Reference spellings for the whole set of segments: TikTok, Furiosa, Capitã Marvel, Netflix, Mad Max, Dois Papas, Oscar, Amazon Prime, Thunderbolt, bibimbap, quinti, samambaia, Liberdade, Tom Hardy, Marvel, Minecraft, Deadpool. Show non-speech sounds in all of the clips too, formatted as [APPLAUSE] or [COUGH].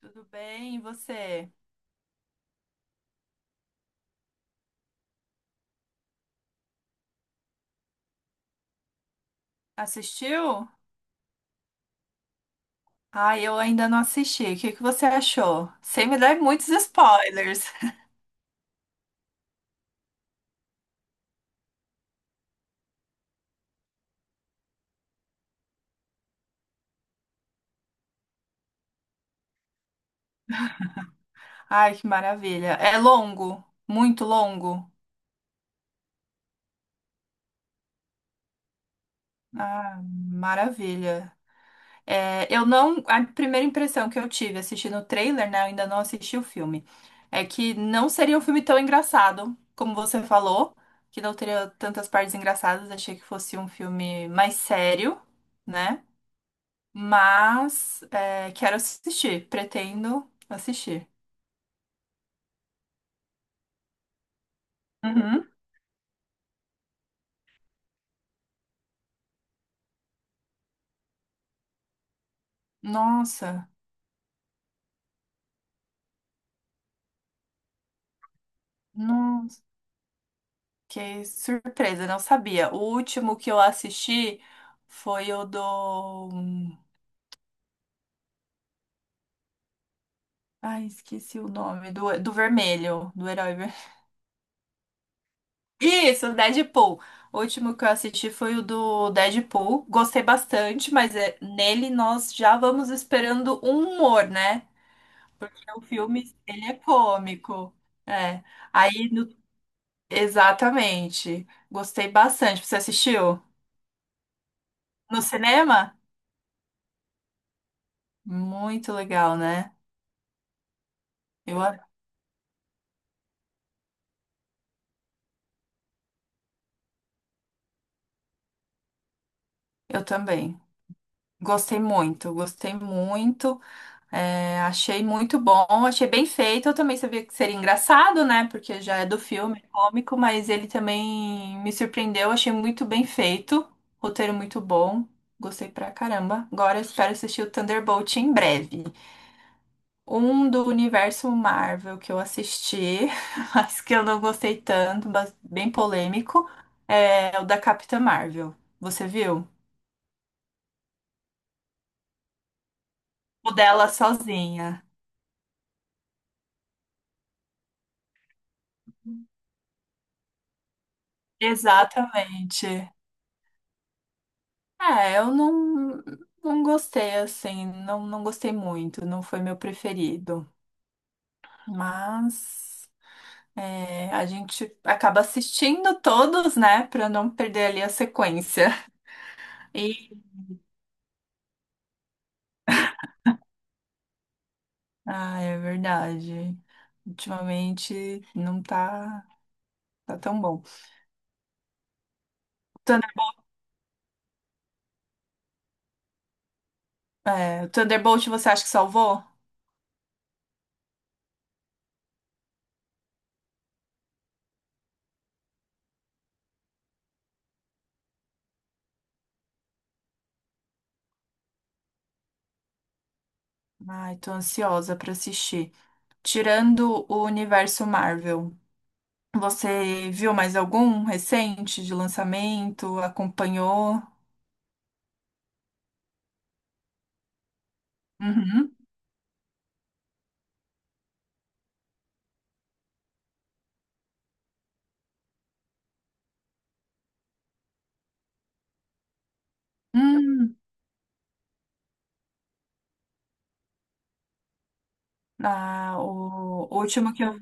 Tudo bem, e você? Assistiu? Eu ainda não assisti. O que que você achou? Sem me dar muitos spoilers. [LAUGHS] Ai, que maravilha. É longo? Muito longo? Ah, maravilha. É, eu não. A primeira impressão que eu tive assistindo o trailer, né? Eu ainda não assisti o filme. É que não seria um filme tão engraçado, como você falou, que não teria tantas partes engraçadas. Achei que fosse um filme mais sério, né? Mas é, quero assistir, pretendo assistir. Uhum. Nossa, nossa, que surpresa, não sabia. O último que eu assisti foi o do. Ai, esqueci o nome, do vermelho, do herói vermelho. [LAUGHS] Isso, Deadpool. O último que eu assisti foi o do Deadpool. Gostei bastante, mas nele nós já vamos esperando um humor, né? Porque o filme, ele é cômico. É. Aí no. Exatamente. Gostei bastante. Você assistiu? No cinema? Muito legal, né? Eu, a- eu também. Gostei muito, gostei muito. É, achei muito bom, achei bem feito. Eu também sabia que seria engraçado, né? Porque já é do filme, é cômico, mas ele também me surpreendeu. Achei muito bem feito. Roteiro muito bom. Gostei pra caramba. Agora eu espero assistir o Thunderbolt em breve. Um do universo Marvel que eu assisti, [LAUGHS] mas que eu não gostei tanto, mas bem polêmico, é o da Capitã Marvel. Você viu? O dela sozinha. Exatamente. É, eu não, não gostei assim, não gostei muito, não foi meu preferido. Mas é, a gente acaba assistindo todos, né, pra não perder ali a sequência. Ah, é verdade. Ultimamente não tá, tá tão bom. Thunder- é, Thunderbolt, você acha que salvou? Ai, tô ansiosa pra assistir. Tirando o universo Marvel, você viu mais algum recente de lançamento? Acompanhou? Uhum. Hum, ah, o último que eu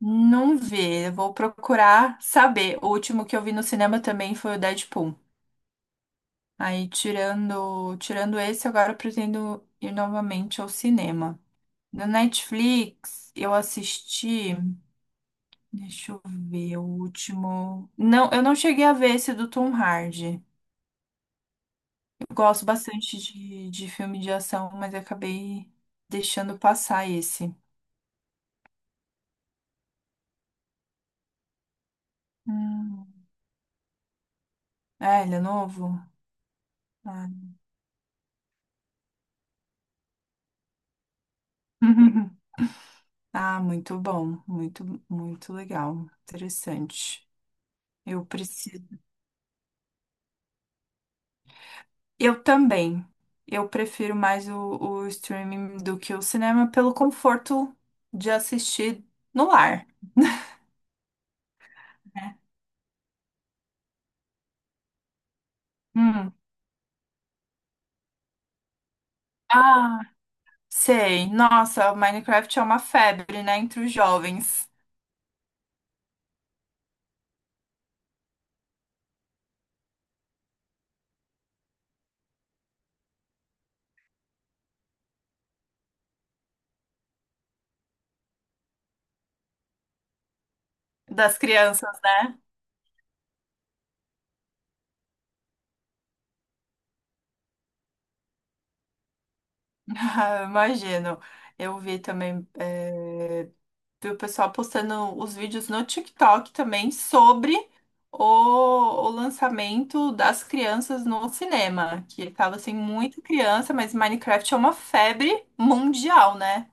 não vi, eu vou procurar saber. O último que eu vi no cinema também foi o Deadpool. Aí, tirando esse, agora eu pretendo ir novamente ao cinema. No Netflix, eu assisti. Deixa eu ver, o último. Não, eu não cheguei a ver esse do Tom Hardy. Eu gosto bastante de filme de ação, mas eu acabei deixando passar esse. Hum. É, ele é novo? Ah. [LAUGHS] Ah, muito bom. Muito, muito legal. Interessante. Eu preciso. Eu também. Eu prefiro mais o streaming do que o cinema pelo conforto de assistir no lar, né? Hum. Ah, sei. Nossa, o Minecraft é uma febre, né, entre os jovens, das crianças, né? [LAUGHS] Ah, imagino. Eu vi também. Vi o pessoal postando os vídeos no TikTok também sobre o lançamento das crianças no cinema, que tava assim muita criança, mas Minecraft é uma febre mundial, né?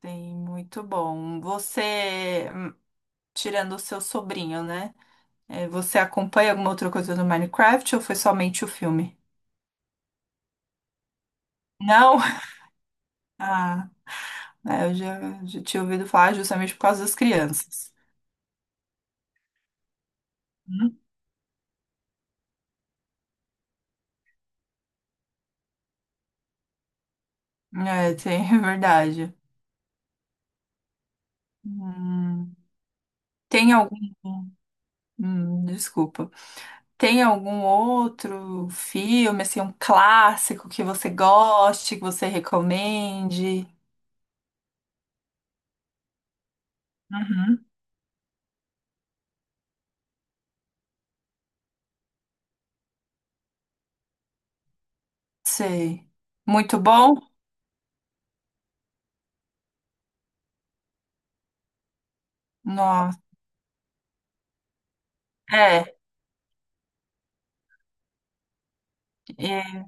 Tem muito bom. Você, tirando o seu sobrinho, né? É, você acompanha alguma outra coisa no Minecraft ou foi somente o filme? Não? [LAUGHS] Ah, é, eu já tinha ouvido falar justamente por causa das crianças. Hum. É, tem, [LAUGHS] é verdade. Hum. Tem algum. Hum, desculpa. Tem algum outro filme, assim, um clássico que você goste, que você recomende? Uhum. Sei. Muito bom? Nossa. É, é,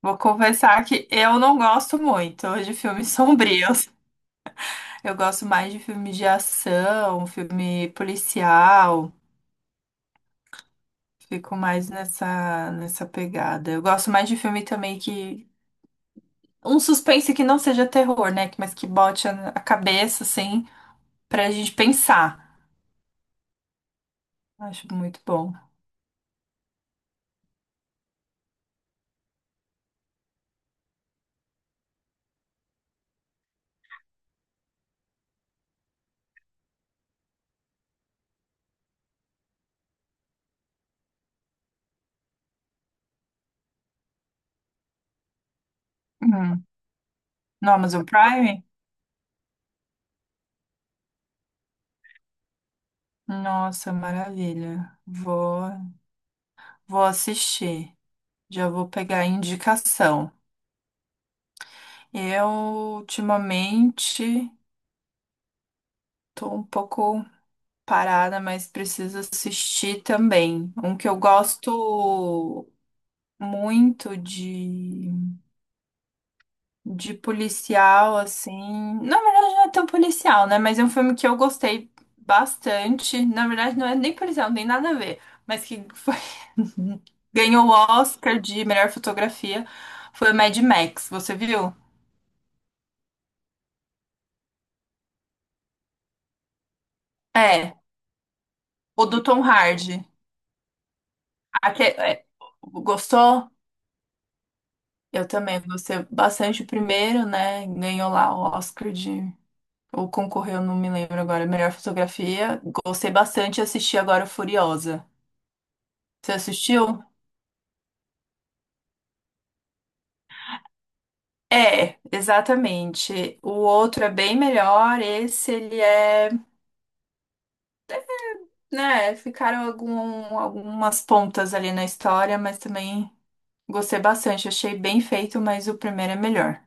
vou confessar que eu não gosto muito de filmes [LAUGHS] sombrios. Eu gosto mais de filme de ação, filme policial. Fico mais nessa, nessa pegada. Eu gosto mais de filme também que. Um suspense que não seja terror, né? Mas que bote a cabeça, assim, pra gente pensar. Acho muito bom. Hum. No Amazon Prime? Nossa, maravilha. Vou assistir. Já vou pegar a indicação. Eu, ultimamente, tô um pouco parada, mas preciso assistir também. Um que eu gosto muito de policial, assim. Na verdade, não é tão policial, né? Mas é um filme que eu gostei bastante. Na verdade, não é nem policial, nem nada a ver. Mas que foi... [LAUGHS] ganhou o Oscar de melhor fotografia foi o Mad Max. Você viu? É, o do Tom Hardy. É, gostou? Eu também gostei bastante o primeiro, né? Ganhou lá o Oscar de. Ou concorreu, não me lembro agora. Melhor fotografia. Gostei bastante e assisti agora o Furiosa. Você assistiu? É, exatamente. O outro é bem melhor, esse ele é, né, ficaram algumas pontas ali na história, mas também gostei bastante, achei bem feito, mas o primeiro é melhor.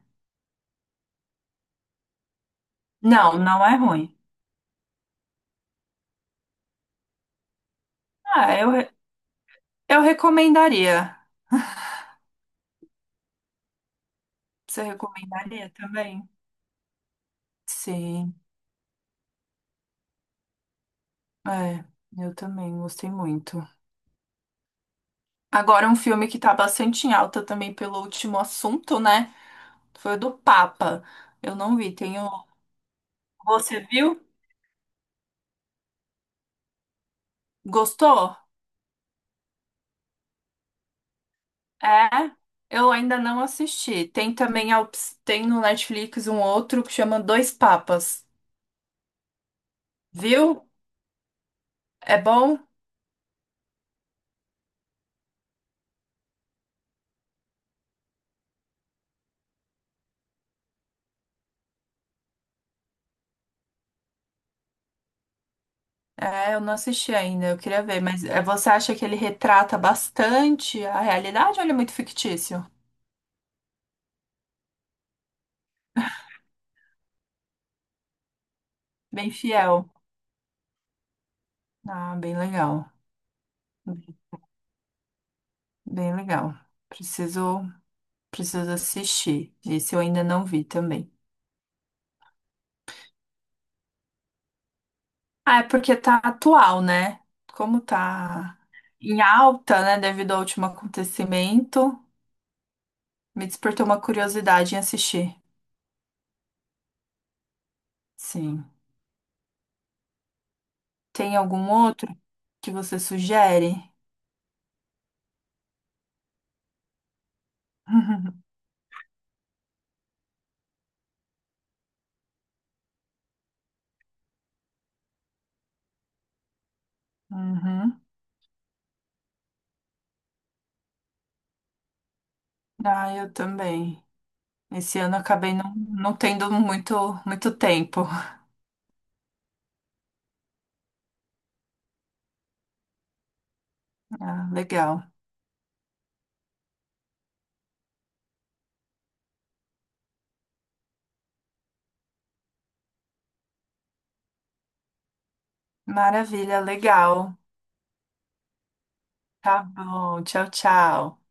Não, não é ruim. Ah, eu, re- eu recomendaria. Você recomendaria também? Sim, é, eu também gostei muito. Agora um filme que tá bastante em alta também pelo último assunto, né? Foi o do Papa. Eu não vi, tenho. Você viu? Gostou? É? Eu ainda não assisti. Tem também tem no Netflix um outro que chama Dois Papas. Viu? É bom? É, eu não assisti ainda, eu queria ver, mas é, você acha que ele retrata bastante a realidade ou ele é muito fictício? Bem fiel. Ah, bem legal. Bem legal. Preciso, preciso assistir. Esse eu ainda não vi também. Ah, é porque tá atual, né? Como tá em alta, né, devido ao último acontecimento, me despertou uma curiosidade em assistir. Sim. Tem algum outro que você sugere? [LAUGHS] Uhum. Ah, eu também. Esse ano eu acabei não tendo muito tempo. [LAUGHS] Ah, legal. Maravilha, legal. Tá bom. Tchau, tchau.